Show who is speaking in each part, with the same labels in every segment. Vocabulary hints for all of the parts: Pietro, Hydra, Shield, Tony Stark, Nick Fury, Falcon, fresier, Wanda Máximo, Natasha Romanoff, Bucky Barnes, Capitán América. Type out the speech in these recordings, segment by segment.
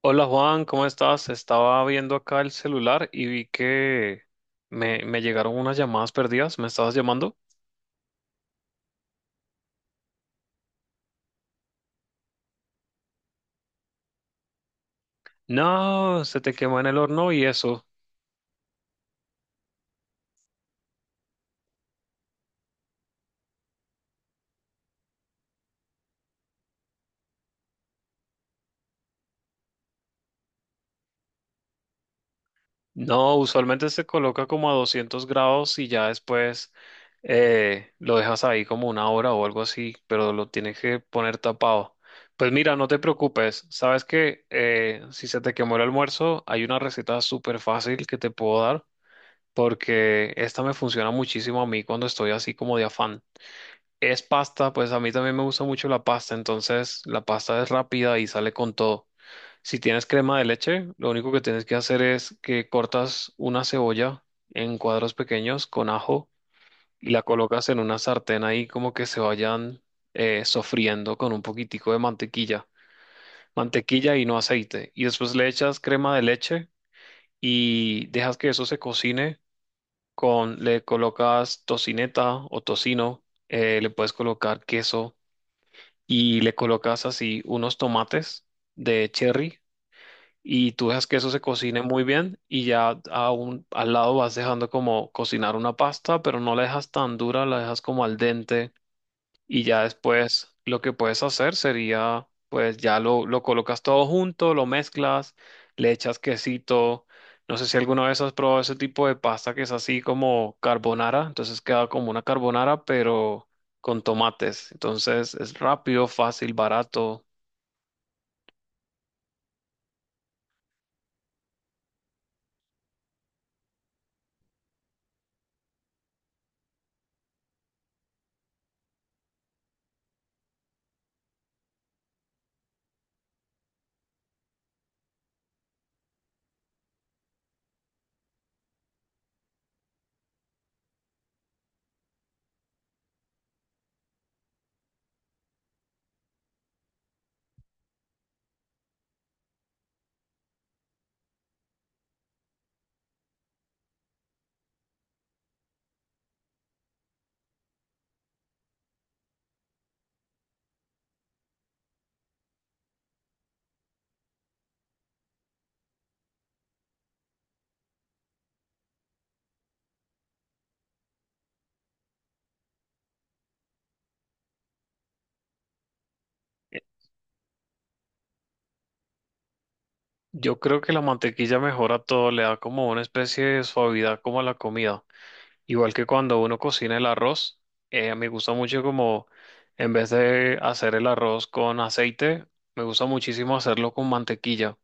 Speaker 1: Hola Juan, ¿cómo estás? Estaba viendo acá el celular y vi que me llegaron unas llamadas perdidas. ¿Me estabas llamando? No, se te quemó en el horno y eso. No, usualmente se coloca como a 200 grados y ya después lo dejas ahí como 1 hora o algo así, pero lo tienes que poner tapado. Pues mira, no te preocupes. Sabes que si se te quemó el almuerzo, hay una receta súper fácil que te puedo dar porque esta me funciona muchísimo a mí cuando estoy así como de afán. Es pasta, pues a mí también me gusta mucho la pasta, entonces la pasta es rápida y sale con todo. Si tienes crema de leche, lo único que tienes que hacer es que cortas una cebolla en cuadros pequeños con ajo y la colocas en una sartén ahí como que se vayan sofriendo con un poquitico de mantequilla, mantequilla y no aceite. Y después le echas crema de leche y dejas que eso se cocine con, le colocas tocineta o tocino, le puedes colocar queso y le colocas así unos tomates de cherry y tú dejas que eso se cocine muy bien y ya a al lado vas dejando como cocinar una pasta, pero no la dejas tan dura, la dejas como al dente y ya después lo que puedes hacer sería, pues ya lo colocas todo junto, lo mezclas, le echas quesito. No sé si alguna vez has probado ese tipo de pasta que es así como carbonara, entonces queda como una carbonara, pero con tomates. Entonces es rápido, fácil, barato. Yo creo que la mantequilla mejora todo, le da como una especie de suavidad como a la comida. Igual que cuando uno cocina el arroz, me gusta mucho como en vez de hacer el arroz con aceite, me gusta muchísimo hacerlo con mantequilla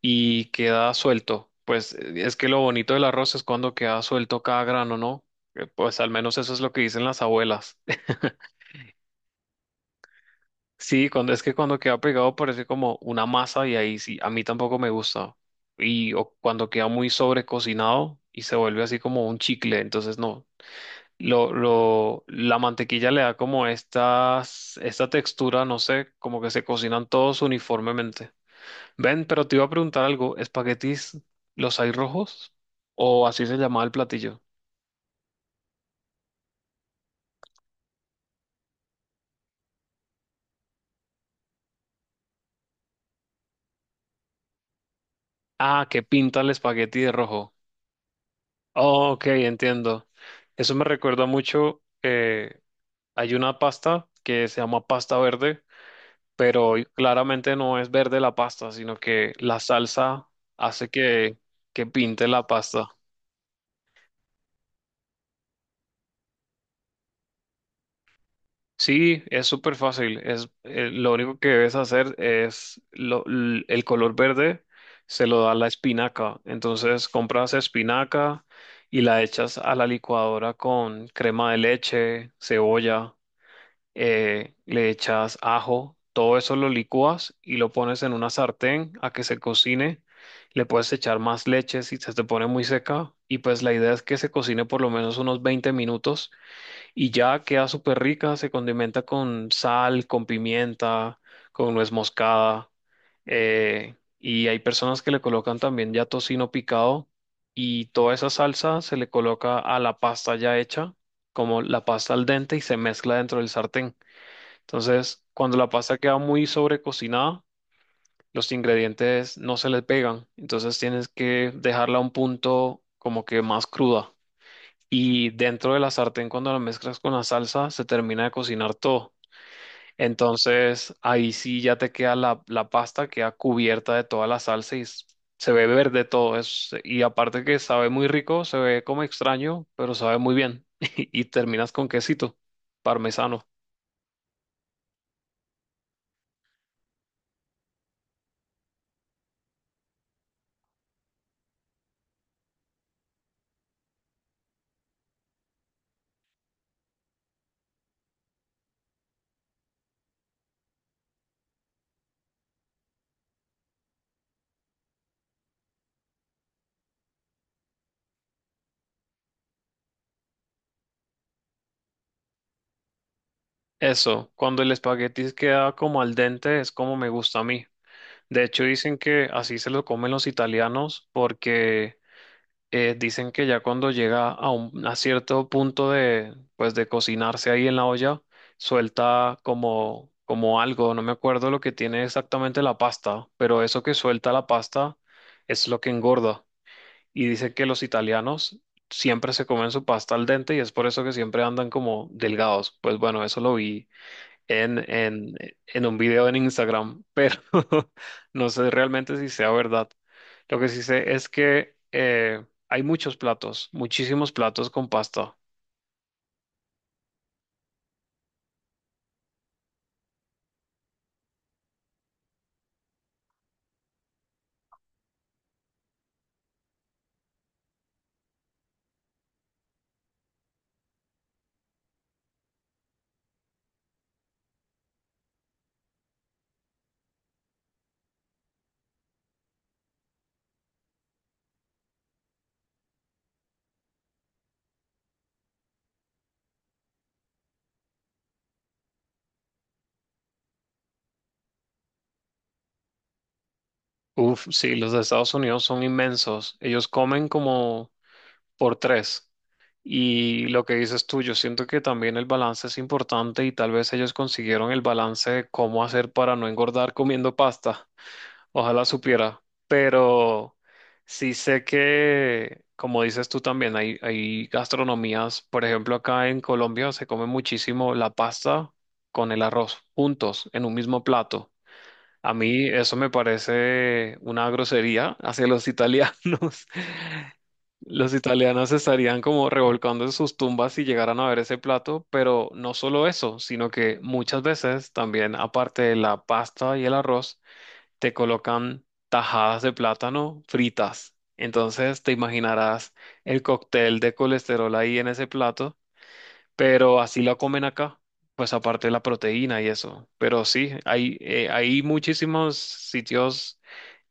Speaker 1: y queda suelto. Pues es que lo bonito del arroz es cuando queda suelto cada grano, ¿no? Pues al menos eso es lo que dicen las abuelas. Sí, cuando es que cuando queda pegado parece como una masa y ahí sí, a mí tampoco me gusta. Y o cuando queda muy sobrecocinado y se vuelve así como un chicle, entonces no. La mantequilla le da como esta textura, no sé, como que se cocinan todos uniformemente. Ven, pero te iba a preguntar algo, ¿espaguetis los hay rojos? ¿O así se llamaba el platillo? Ah, que pinta el espagueti de rojo. Oh, ok, entiendo. Eso me recuerda mucho, hay una pasta que se llama pasta verde, pero claramente no es verde la pasta, sino que la salsa hace que pinte la pasta. Sí, es súper fácil. Es, lo único que debes hacer es el color verde, se lo da la espinaca. Entonces compras espinaca y la echas a la licuadora con crema de leche, cebolla, le echas ajo, todo eso lo licúas y lo pones en una sartén a que se cocine. Le puedes echar más leche si se te pone muy seca y pues la idea es que se cocine por lo menos unos 20 minutos y ya queda súper rica, se condimenta con sal, con pimienta, con nuez moscada, y hay personas que le colocan también ya tocino picado y toda esa salsa se le coloca a la pasta ya hecha, como la pasta al dente y se mezcla dentro del sartén. Entonces, cuando la pasta queda muy sobrecocinada, los ingredientes no se le pegan, entonces tienes que dejarla a un punto como que más cruda y dentro de la sartén cuando la mezclas con la salsa se termina de cocinar todo. Entonces ahí sí ya te queda la pasta, queda cubierta de toda la salsa y se ve verde todo eso. Y aparte que sabe muy rico, se ve como extraño, pero sabe muy bien. Y terminas con quesito parmesano. Eso, cuando el espagueti queda como al dente es como me gusta a mí. De hecho dicen que así se lo comen los italianos porque dicen que ya cuando llega a un a cierto punto de, pues, de cocinarse ahí en la olla, suelta como, como algo, no me acuerdo lo que tiene exactamente la pasta, pero eso que suelta la pasta es lo que engorda. Y dicen que los italianos siempre se comen su pasta al dente y es por eso que siempre andan como delgados. Pues bueno, eso lo vi en, en, en un video en Instagram, pero no sé realmente si sea verdad. Lo que sí sé es que hay muchos platos, muchísimos platos con pasta. Uf, sí, los de Estados Unidos son inmensos. Ellos comen como por tres. Y lo que dices tú, yo siento que también el balance es importante y tal vez ellos consiguieron el balance de cómo hacer para no engordar comiendo pasta. Ojalá supiera, pero sí sé que, como dices tú también, hay gastronomías, por ejemplo, acá en Colombia se come muchísimo la pasta con el arroz juntos en un mismo plato. A mí eso me parece una grosería hacia los italianos. Los italianos estarían como revolcando en sus tumbas si llegaran a ver ese plato, pero no solo eso, sino que muchas veces también, aparte de la pasta y el arroz, te colocan tajadas de plátano fritas. Entonces te imaginarás el cóctel de colesterol ahí en ese plato, pero así la comen acá, pues aparte de la proteína y eso. Pero sí, hay, hay muchísimos sitios,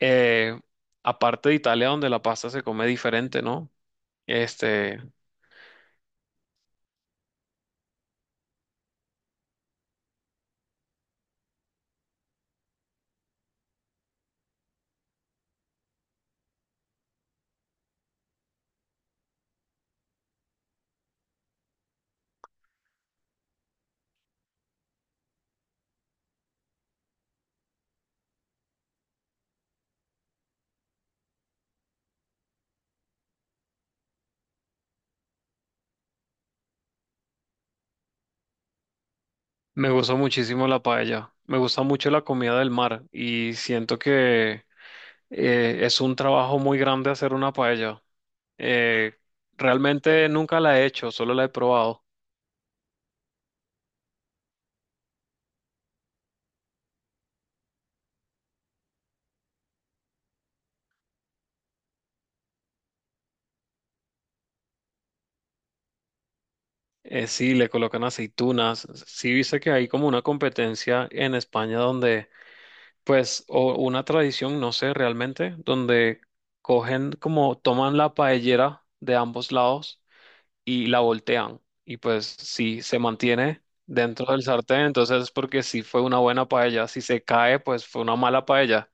Speaker 1: eh, aparte de Italia, donde la pasta se come diferente, ¿no? Este, me gustó muchísimo la paella, me gusta mucho la comida del mar y siento que es un trabajo muy grande hacer una paella. Eh, realmente nunca la he hecho, solo la he probado. Sí, le colocan aceitunas. Sí, viste que hay como una competencia en España donde, pues, o una tradición, no sé realmente, donde cogen como, toman la paellera de ambos lados y la voltean. Y pues, si se mantiene dentro del sartén, entonces es porque sí fue una buena paella. Si se cae, pues fue una mala paella.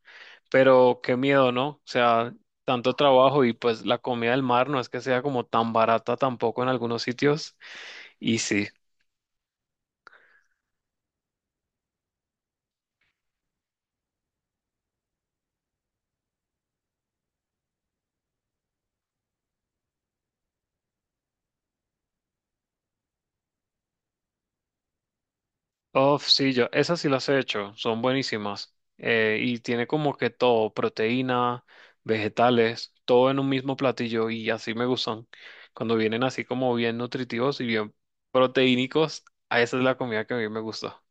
Speaker 1: Pero qué miedo, ¿no? O sea, tanto trabajo y pues la comida del mar no es que sea como tan barata tampoco en algunos sitios. Y sí. Oh, sí, yo, esas sí las he hecho, son buenísimas. Y tiene como que todo, proteína, vegetales, todo en un mismo platillo y así me gustan. Cuando vienen así como bien nutritivos y bien proteínicos, a esa es la comida que a mí me gusta.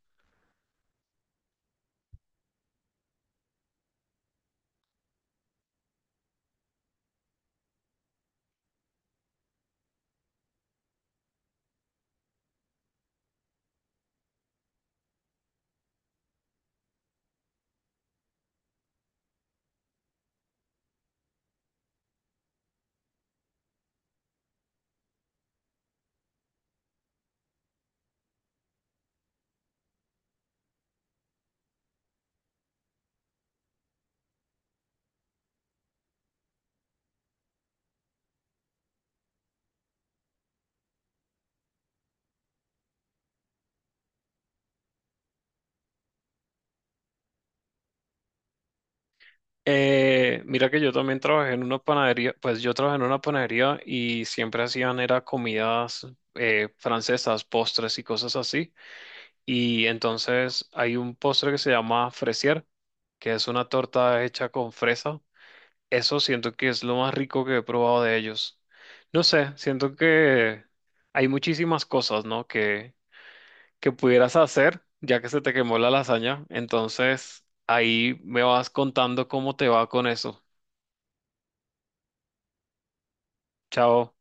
Speaker 1: Mira que yo también trabajé en una panadería, pues yo trabajé en una panadería y siempre hacían era comidas francesas, postres y cosas así. Y entonces hay un postre que se llama fresier, que es una torta hecha con fresa. Eso siento que es lo más rico que he probado de ellos. No sé, siento que hay muchísimas cosas, ¿no? Que pudieras hacer ya que se te quemó la lasaña. Entonces ahí me vas contando cómo te va con eso. Chao.